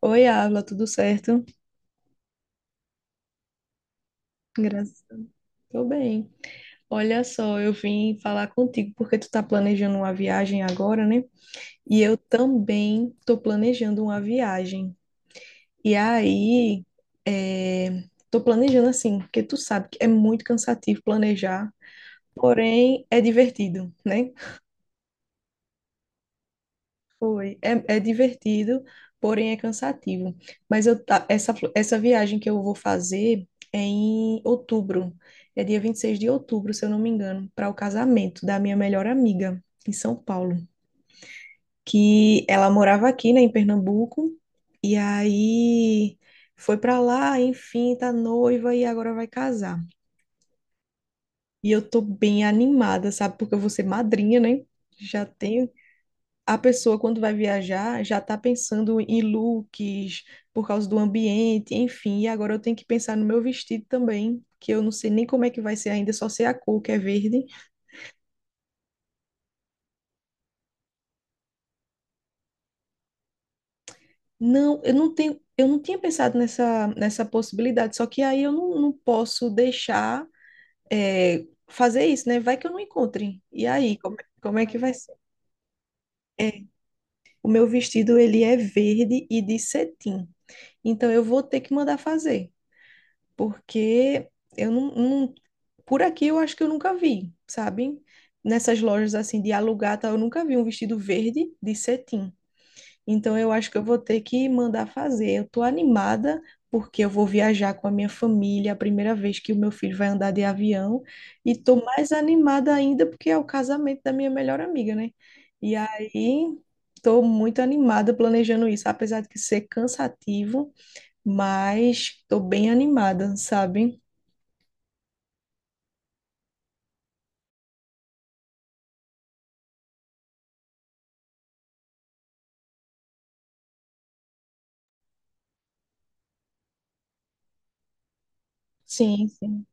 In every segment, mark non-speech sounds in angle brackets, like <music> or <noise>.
Oi, Avla, tudo certo? Graças a Deus, tô bem. Olha só, eu vim falar contigo porque tu tá planejando uma viagem agora, né? E eu também tô planejando uma viagem. E aí, é... tô planejando assim, porque tu sabe que é muito cansativo planejar, porém é divertido, né? Foi. É divertido, porém é cansativo. Mas eu, ta- essa, fl- essa viagem que eu vou fazer é em outubro. É dia 26 de outubro, se eu não me engano, para o casamento da minha melhor amiga em São Paulo. Que ela morava aqui, né, em Pernambuco, e aí foi para lá, enfim, tá noiva e agora vai casar. E eu tô bem animada, sabe? Porque eu vou ser madrinha, né? Já tenho a pessoa, quando vai viajar, já está pensando em looks, por causa do ambiente, enfim. E agora eu tenho que pensar no meu vestido também, que eu não sei nem como é que vai ser ainda, só sei a cor, que é verde. Não, eu não tinha pensado nessa possibilidade, só que aí eu não, não posso deixar, fazer isso, né? Vai que eu não encontre. E aí, como é que vai ser? É, o meu vestido, ele é verde e de cetim. Então, eu vou ter que mandar fazer, porque eu não, não- por aqui eu acho que eu nunca vi, sabe? Nessas lojas assim de alugar, tá, eu nunca vi um vestido verde de cetim. Então eu acho que eu vou ter que mandar fazer. Eu tô animada porque eu vou viajar com a minha família, a primeira vez que o meu filho vai andar de avião, e tô mais animada ainda porque é o casamento da minha melhor amiga, né? E aí tô muito animada planejando isso, apesar de que ser cansativo, mas tô bem animada, sabe? Sim, sim,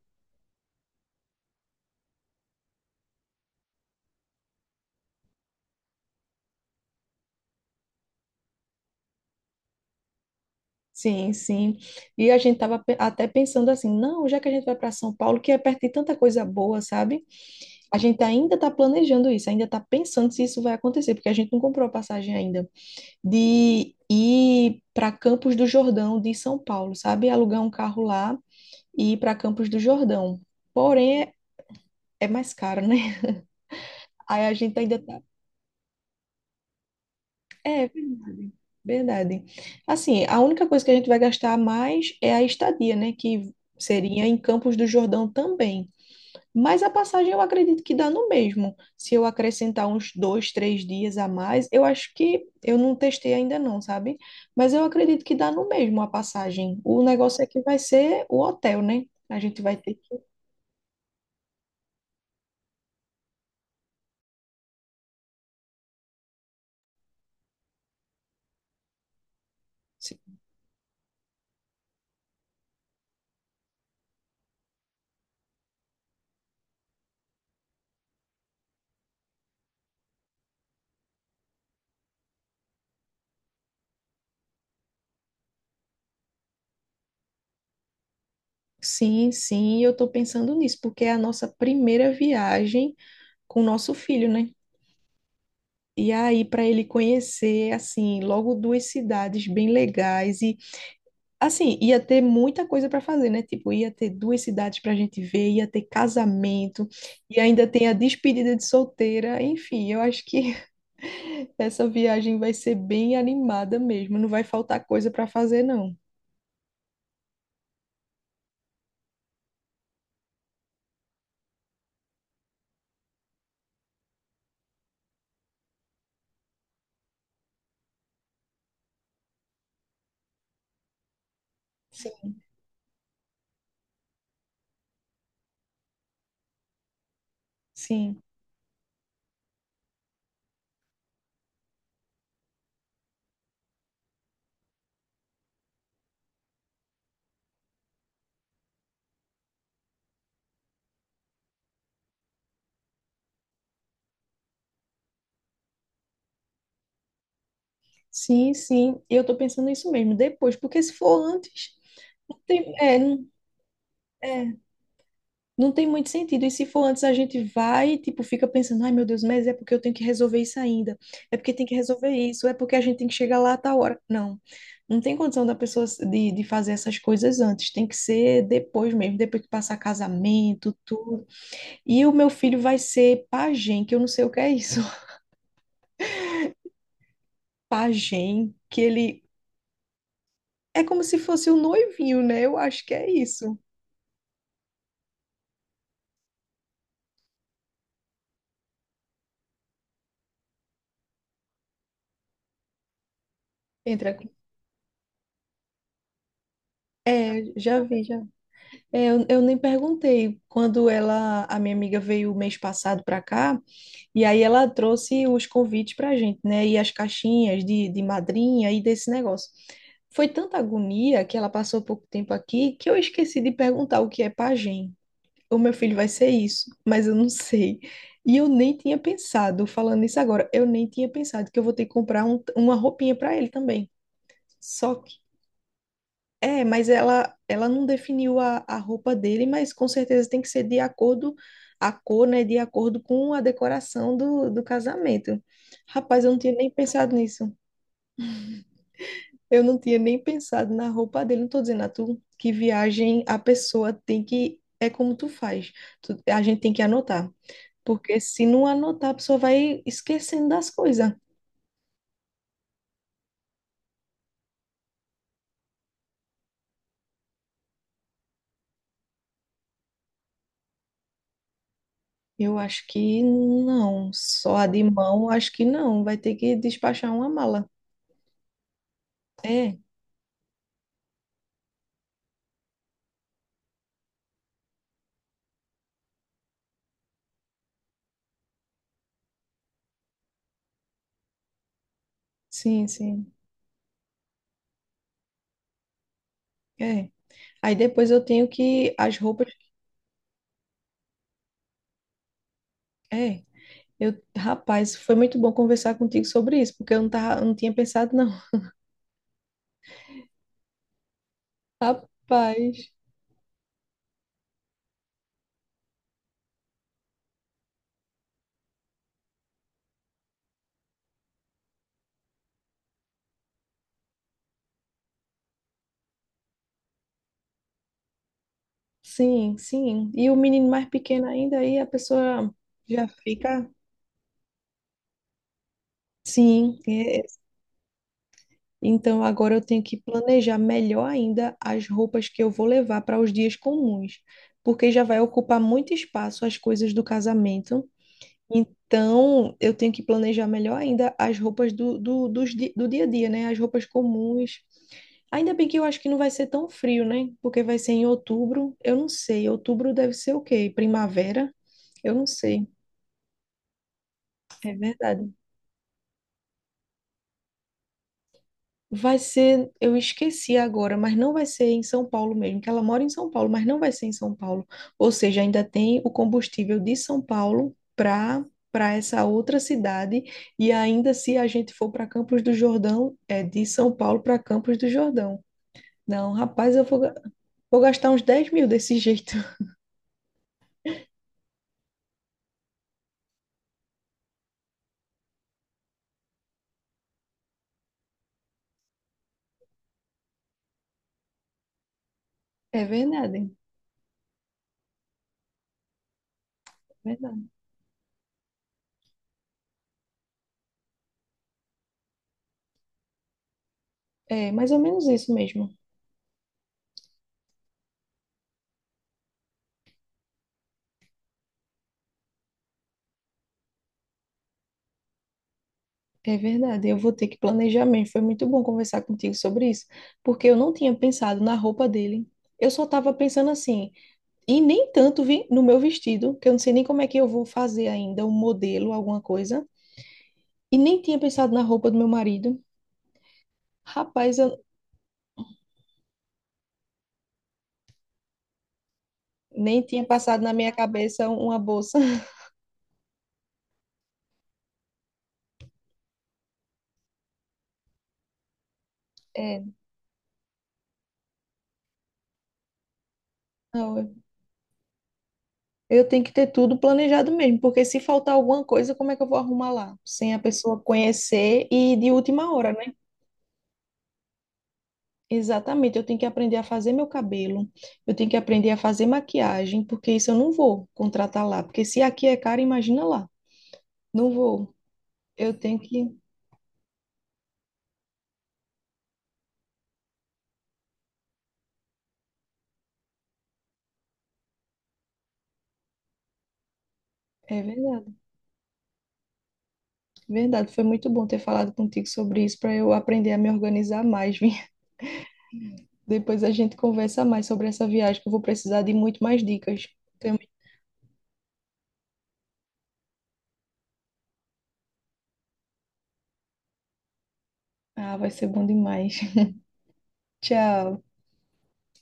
sim, sim. E a gente estava até pensando assim, não, já que a gente vai para São Paulo, que é perto de tanta coisa boa, sabe? A gente ainda está planejando isso, ainda está pensando se isso vai acontecer, porque a gente não comprou a passagem ainda, de ir para Campos do Jordão de São Paulo, sabe? Alugar um carro lá e ir para Campos do Jordão. Porém, é mais caro, né? <laughs> Aí a gente ainda tá. É, verdade. Assim, a única coisa que a gente vai gastar mais é a estadia, né? Que seria em Campos do Jordão também. Mas a passagem eu acredito que dá no mesmo. Se eu acrescentar uns dois, três dias a mais, eu acho que eu não testei ainda não, sabe? Mas eu acredito que dá no mesmo a passagem. O negócio é que vai ser o hotel, né? A gente vai ter que. Sim, sim, eu tô pensando nisso, porque é a nossa primeira viagem com o nosso filho, né? E aí, para ele conhecer, assim, logo duas cidades bem legais e, assim, ia ter muita coisa para fazer, né? Tipo, ia ter duas cidades para a gente ver, ia ter casamento e ainda tem a despedida de solteira. Enfim, eu acho que <laughs> essa viagem vai ser bem animada mesmo. Não vai faltar coisa para fazer, não. Sim, sim, sim, sim. Eu tô pensando nisso mesmo. Depois, porque se for antes, não tem, é. Não tem muito sentido. E se for antes, a gente vai, e, tipo, fica pensando, ai meu Deus, mas é porque eu tenho que resolver isso ainda. É porque tem que resolver isso, é porque a gente tem que chegar lá a tal hora. Não. Não tem condição da pessoa de fazer essas coisas antes. Tem que ser depois mesmo, depois que passar casamento, tudo. E o meu filho vai ser pajem, que eu não sei o que é isso. <laughs> Pajem, que ele é como se fosse o noivinho, né? Eu acho que é isso. Entra. É, já vi, já. É, eu nem perguntei quando a minha amiga veio mês passado para cá, e aí ela trouxe os convites para a gente, né? E as caixinhas de madrinha e desse negócio. Foi tanta agonia que ela passou pouco tempo aqui que eu esqueci de perguntar o que é pajem. O meu filho vai ser isso, mas eu não sei. E eu nem tinha pensado, falando isso agora, eu nem tinha pensado que eu vou ter que comprar uma roupinha para ele também. Só é, mas ela não definiu a roupa dele, mas com certeza tem que ser de acordo, a cor, né, de acordo com a decoração do casamento. Rapaz, eu não tinha nem pensado nisso. Eu não tinha nem pensado na roupa dele. Não tô dizendo a tu que viagem a pessoa tem que, é como tu faz. A gente tem que anotar, porque se não anotar, a pessoa vai esquecendo das coisas. Eu acho que não, só a de mão, acho que não. Vai ter que despachar uma mala. É, sim, sim. É. Aí depois eu tenho que as roupas. É. Eu, rapaz, foi muito bom conversar contigo sobre isso, porque eu não tava, eu não tinha pensado, não. <laughs> Rapaz. Sim, sim. E o menino mais pequeno ainda, aí a pessoa já fica. Sim. É. Então agora eu tenho que planejar melhor ainda as roupas que eu vou levar para os dias comuns, porque já vai ocupar muito espaço as coisas do casamento. Então, eu tenho que planejar melhor ainda as roupas dos do dia a dia, né? As roupas comuns. Ainda bem que eu acho que não vai ser tão frio, né? Porque vai ser em outubro. Eu não sei. Outubro deve ser o quê? Primavera? Eu não sei. É verdade. Vai ser, eu esqueci agora, mas não vai ser em São Paulo mesmo, que ela mora em São Paulo, mas não vai ser em São Paulo. Ou seja, ainda tem o combustível de São Paulo para para essa outra cidade e ainda se a gente for para Campos do Jordão, é de São Paulo para Campos do Jordão. Não, rapaz, vou gastar uns 10 mil desse jeito. <laughs> É verdade, é verdade. É mais ou menos isso mesmo. É verdade, eu vou ter que planejar mesmo. Foi muito bom conversar contigo sobre isso, porque eu não tinha pensado na roupa dele. Eu só estava pensando assim, e nem tanto vi no meu vestido, que eu não sei nem como é que eu vou fazer ainda, um modelo, alguma coisa. E nem tinha pensado na roupa do meu marido. Rapaz, eu nem tinha passado na minha cabeça uma bolsa. <laughs> É, não, eu tenho que ter tudo planejado mesmo, porque se faltar alguma coisa, como é que eu vou arrumar lá? Sem a pessoa conhecer e de última hora, exatamente, eu tenho que aprender a fazer meu cabelo, eu tenho que aprender a fazer maquiagem, porque isso eu não vou contratar lá, porque se aqui é caro, imagina lá. Não vou. Eu tenho que. É verdade, verdade. Foi muito bom ter falado contigo sobre isso para eu aprender a me organizar mais, viu? <laughs> Depois a gente conversa mais sobre essa viagem, que eu vou precisar de muito mais dicas. Tem- Ah, vai ser bom demais. <laughs> Tchau.